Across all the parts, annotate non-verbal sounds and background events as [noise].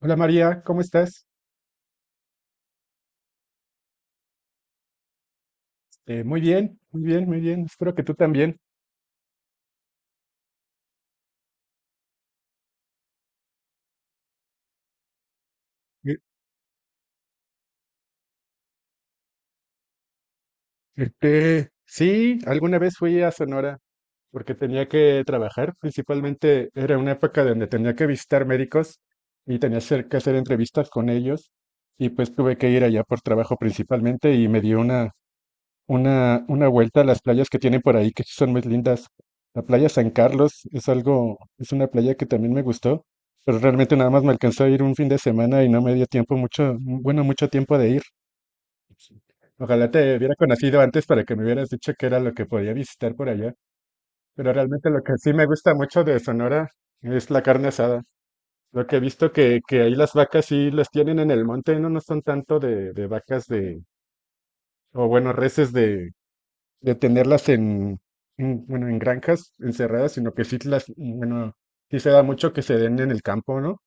Hola María, ¿cómo estás? Muy bien, muy bien, muy bien. Espero que tú también. Eh, Este, sí, alguna vez fui a Sonora porque tenía que trabajar. Principalmente era una época donde tenía que visitar médicos y tenía que hacer entrevistas con ellos. Y pues tuve que ir allá por trabajo principalmente y me dio una vuelta a las playas que tienen por ahí, que sí son muy lindas. La playa San Carlos es algo, es una playa que también me gustó, pero realmente nada más me alcanzó a ir un fin de semana y no me dio tiempo mucho, bueno, mucho tiempo de ir. Ojalá te hubiera conocido antes para que me hubieras dicho qué era lo que podía visitar por allá. Pero realmente lo que sí me gusta mucho de Sonora es la carne asada. Lo que he visto que ahí las vacas sí las tienen en el monte, no, no son tanto de, vacas de, o bueno, reses de tenerlas bueno, en granjas encerradas, sino que sí las, bueno, sí se da mucho que se den en el campo, ¿no?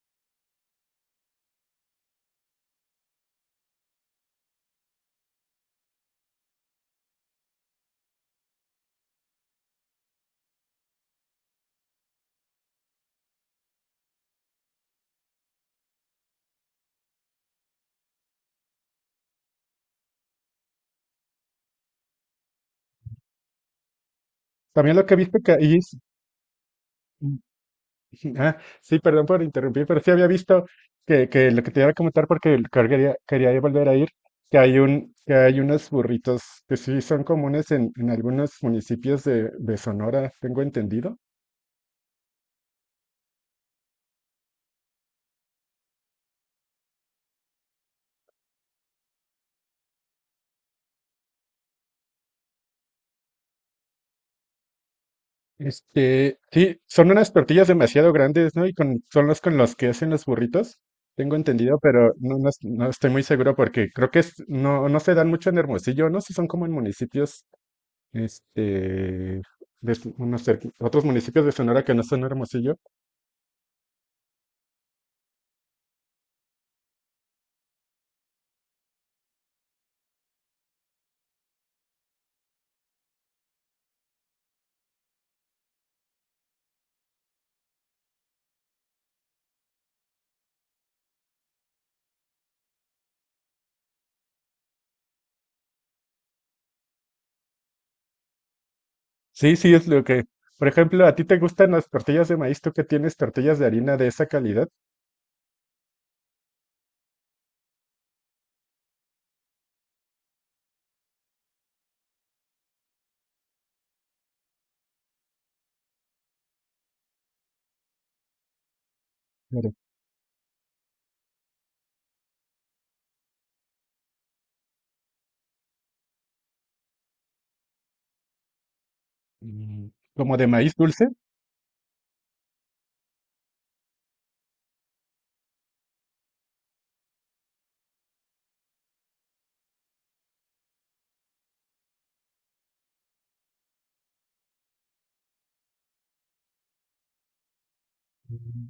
También lo que he visto que ahí, [laughs] ah, sí, perdón por interrumpir, pero sí había visto que lo que te iba a comentar porque que quería volver a ir, que hay unos burritos que sí son comunes en, algunos municipios de, Sonora, tengo entendido. Este, sí, son unas tortillas demasiado grandes, ¿no? Son los con los que hacen los burritos, tengo entendido, pero no, no, no estoy muy seguro porque creo que no, no se dan mucho en Hermosillo, no sé si son como en municipios, este, de s- unos cerqui- otros municipios de Sonora que no son Hermosillo. Sí, sí, es lo que, por ejemplo, ¿a ti te gustan las tortillas de maíz? ¿Tú que tienes tortillas de harina de esa calidad? Claro. Mm, ¿Como de maíz dulce? Mm.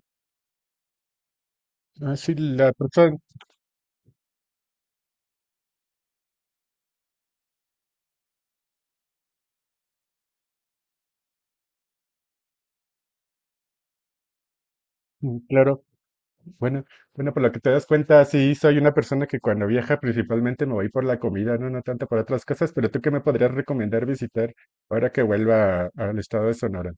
Ah, sí, la persona, claro. Bueno, bueno, por lo que te das cuenta, sí, soy una persona que cuando viaja principalmente me voy por la comida, no, no tanto por otras cosas, pero ¿tú qué me podrías recomendar visitar ahora que vuelva al estado de Sonora?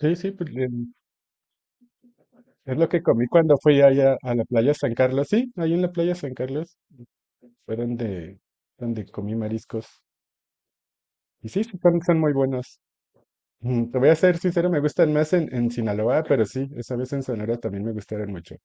Sí, sí, pues, es lo que comí cuando fui allá a la playa San Carlos. Sí, ahí en la playa San Carlos fue donde, comí mariscos. Y sí, sí, son muy buenos. Te voy a ser sincero, me gustan más en, Sinaloa, pero sí, esa vez en Sonora también me gustaron mucho.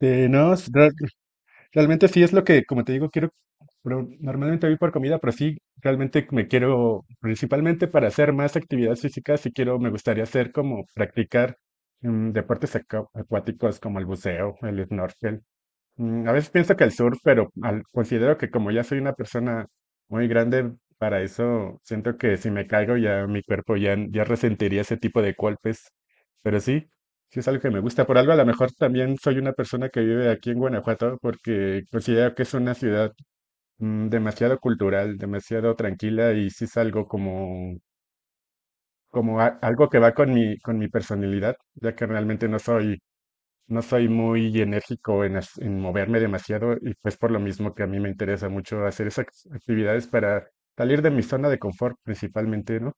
No, realmente sí es lo que, como te digo, quiero, pero normalmente voy por comida, pero sí, realmente me quiero, principalmente para hacer más actividades físicas, sí quiero, me gustaría hacer como practicar deportes acuáticos como el buceo, el snorkel. A veces pienso que el surf, pero considero que como ya soy una persona muy grande para eso, siento que si me caigo ya mi cuerpo ya, ya resentiría ese tipo de golpes. Pero sí, sí es algo que me gusta. Por algo a lo mejor también soy una persona que vive aquí en Guanajuato porque considero que es una ciudad demasiado cultural, demasiado tranquila y sí es algo como, algo que va con mi personalidad, ya que realmente no soy muy enérgico en, en moverme demasiado y pues por lo mismo que a mí me interesa mucho hacer esas actividades para salir de mi zona de confort principalmente, ¿no?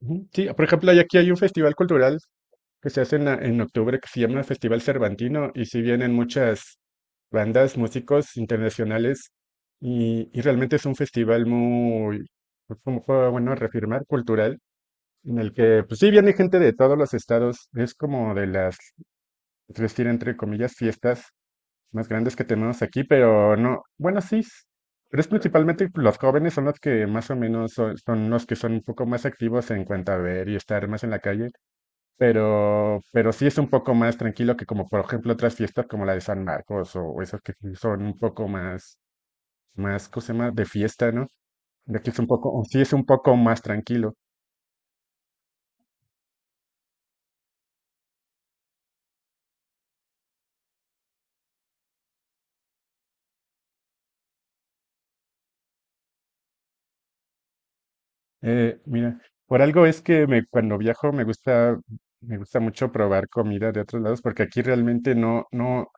Ujú. Sí, por ejemplo, aquí hay un festival cultural que se hace en octubre que se llama Festival Cervantino y si vienen muchas bandas, músicos internacionales y realmente es un festival muy, pues, como fue bueno reafirmar, cultural, en el que pues sí viene gente de todos los estados, es como de las, es decir, entre comillas, fiestas más grandes que tenemos aquí, pero no, bueno, sí, pero es principalmente los jóvenes son los que más o menos son, los que son un poco más activos en cuanto a ver y estar más en la calle, pero sí es un poco más tranquilo que como por ejemplo otras fiestas como la de San Marcos o esas que sí son un poco más, ¿cómo se llama? De fiesta, ¿no? De aquí es un poco, o sí es un poco más tranquilo. Mira, por algo es que me, cuando viajo me gusta mucho probar comida de otros lados porque aquí realmente no, no,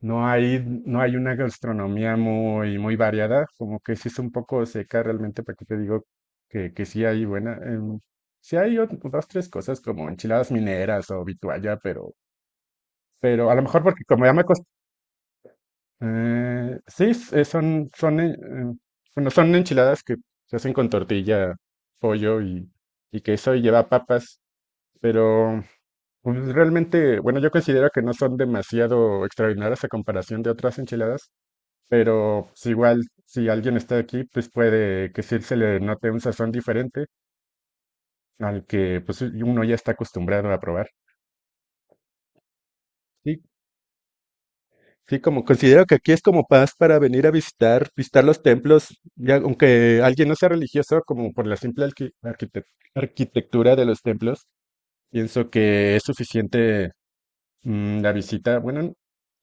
No hay, no hay una gastronomía muy, muy variada, como que sí es un poco seca realmente, para que te digo que sí hay buena. Sí hay dos, tres cosas como enchiladas mineras o vitualla, pero, a lo mejor porque como ya me sí, em, bueno, son enchiladas que se hacen con tortilla, pollo y queso y lleva papas, pero pues, realmente, bueno, yo considero que no son demasiado extraordinarias a comparación de otras enchiladas pero pues, igual si alguien está aquí, pues puede que sí se le note un sazón diferente al que pues uno ya está acostumbrado a probar. Sí, sí, como considero que aquí es como paz para venir a visitar, visitar los templos, ya aunque alguien no sea religioso, como por la simple arquitectura de los templos, pienso que es suficiente la visita. Bueno,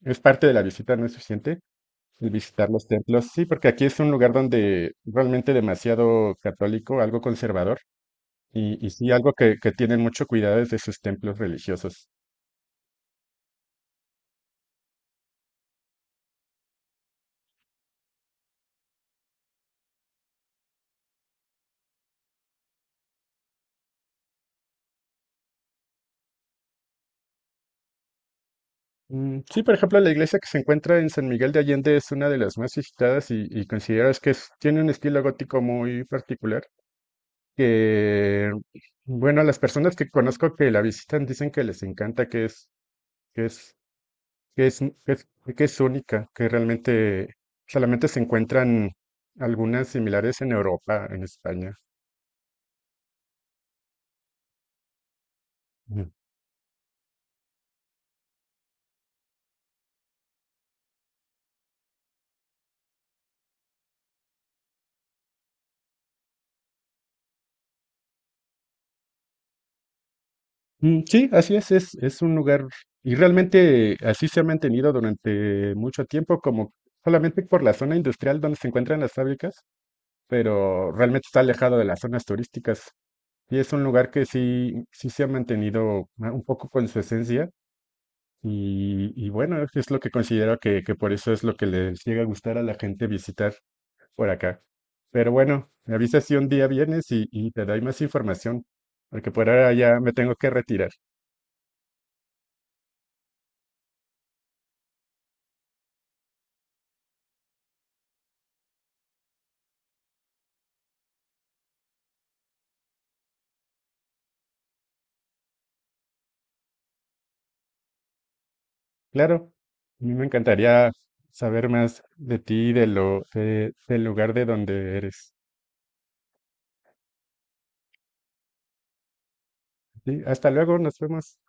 es parte de la visita, no es suficiente. El visitar los templos, sí, porque aquí es un lugar donde realmente demasiado católico, algo conservador. Y sí, algo que tienen mucho cuidado es de sus templos religiosos. Sí, por ejemplo, la iglesia que se encuentra en San Miguel de Allende es una de las más visitadas y consideras que tiene un estilo gótico muy particular. Que, bueno, las personas que conozco que la visitan dicen que les encanta, que es, que es, que es, que es, que es única, que realmente solamente se encuentran algunas similares en Europa, en España. Sí, así es, un lugar y realmente así se ha mantenido durante mucho tiempo, como solamente por la zona industrial donde se encuentran las fábricas, pero realmente está alejado de las zonas turísticas. Y es un lugar que sí, sí se ha mantenido un poco con su esencia y bueno, es lo que considero que por eso es lo que les llega a gustar a la gente visitar por acá. Pero bueno, me avisas si un día vienes y te doy más información, porque por ahora ya me tengo que retirar. Claro, a mí me encantaría saber más de ti, de lo, del lugar de donde eres. Sí, hasta luego, nos vemos.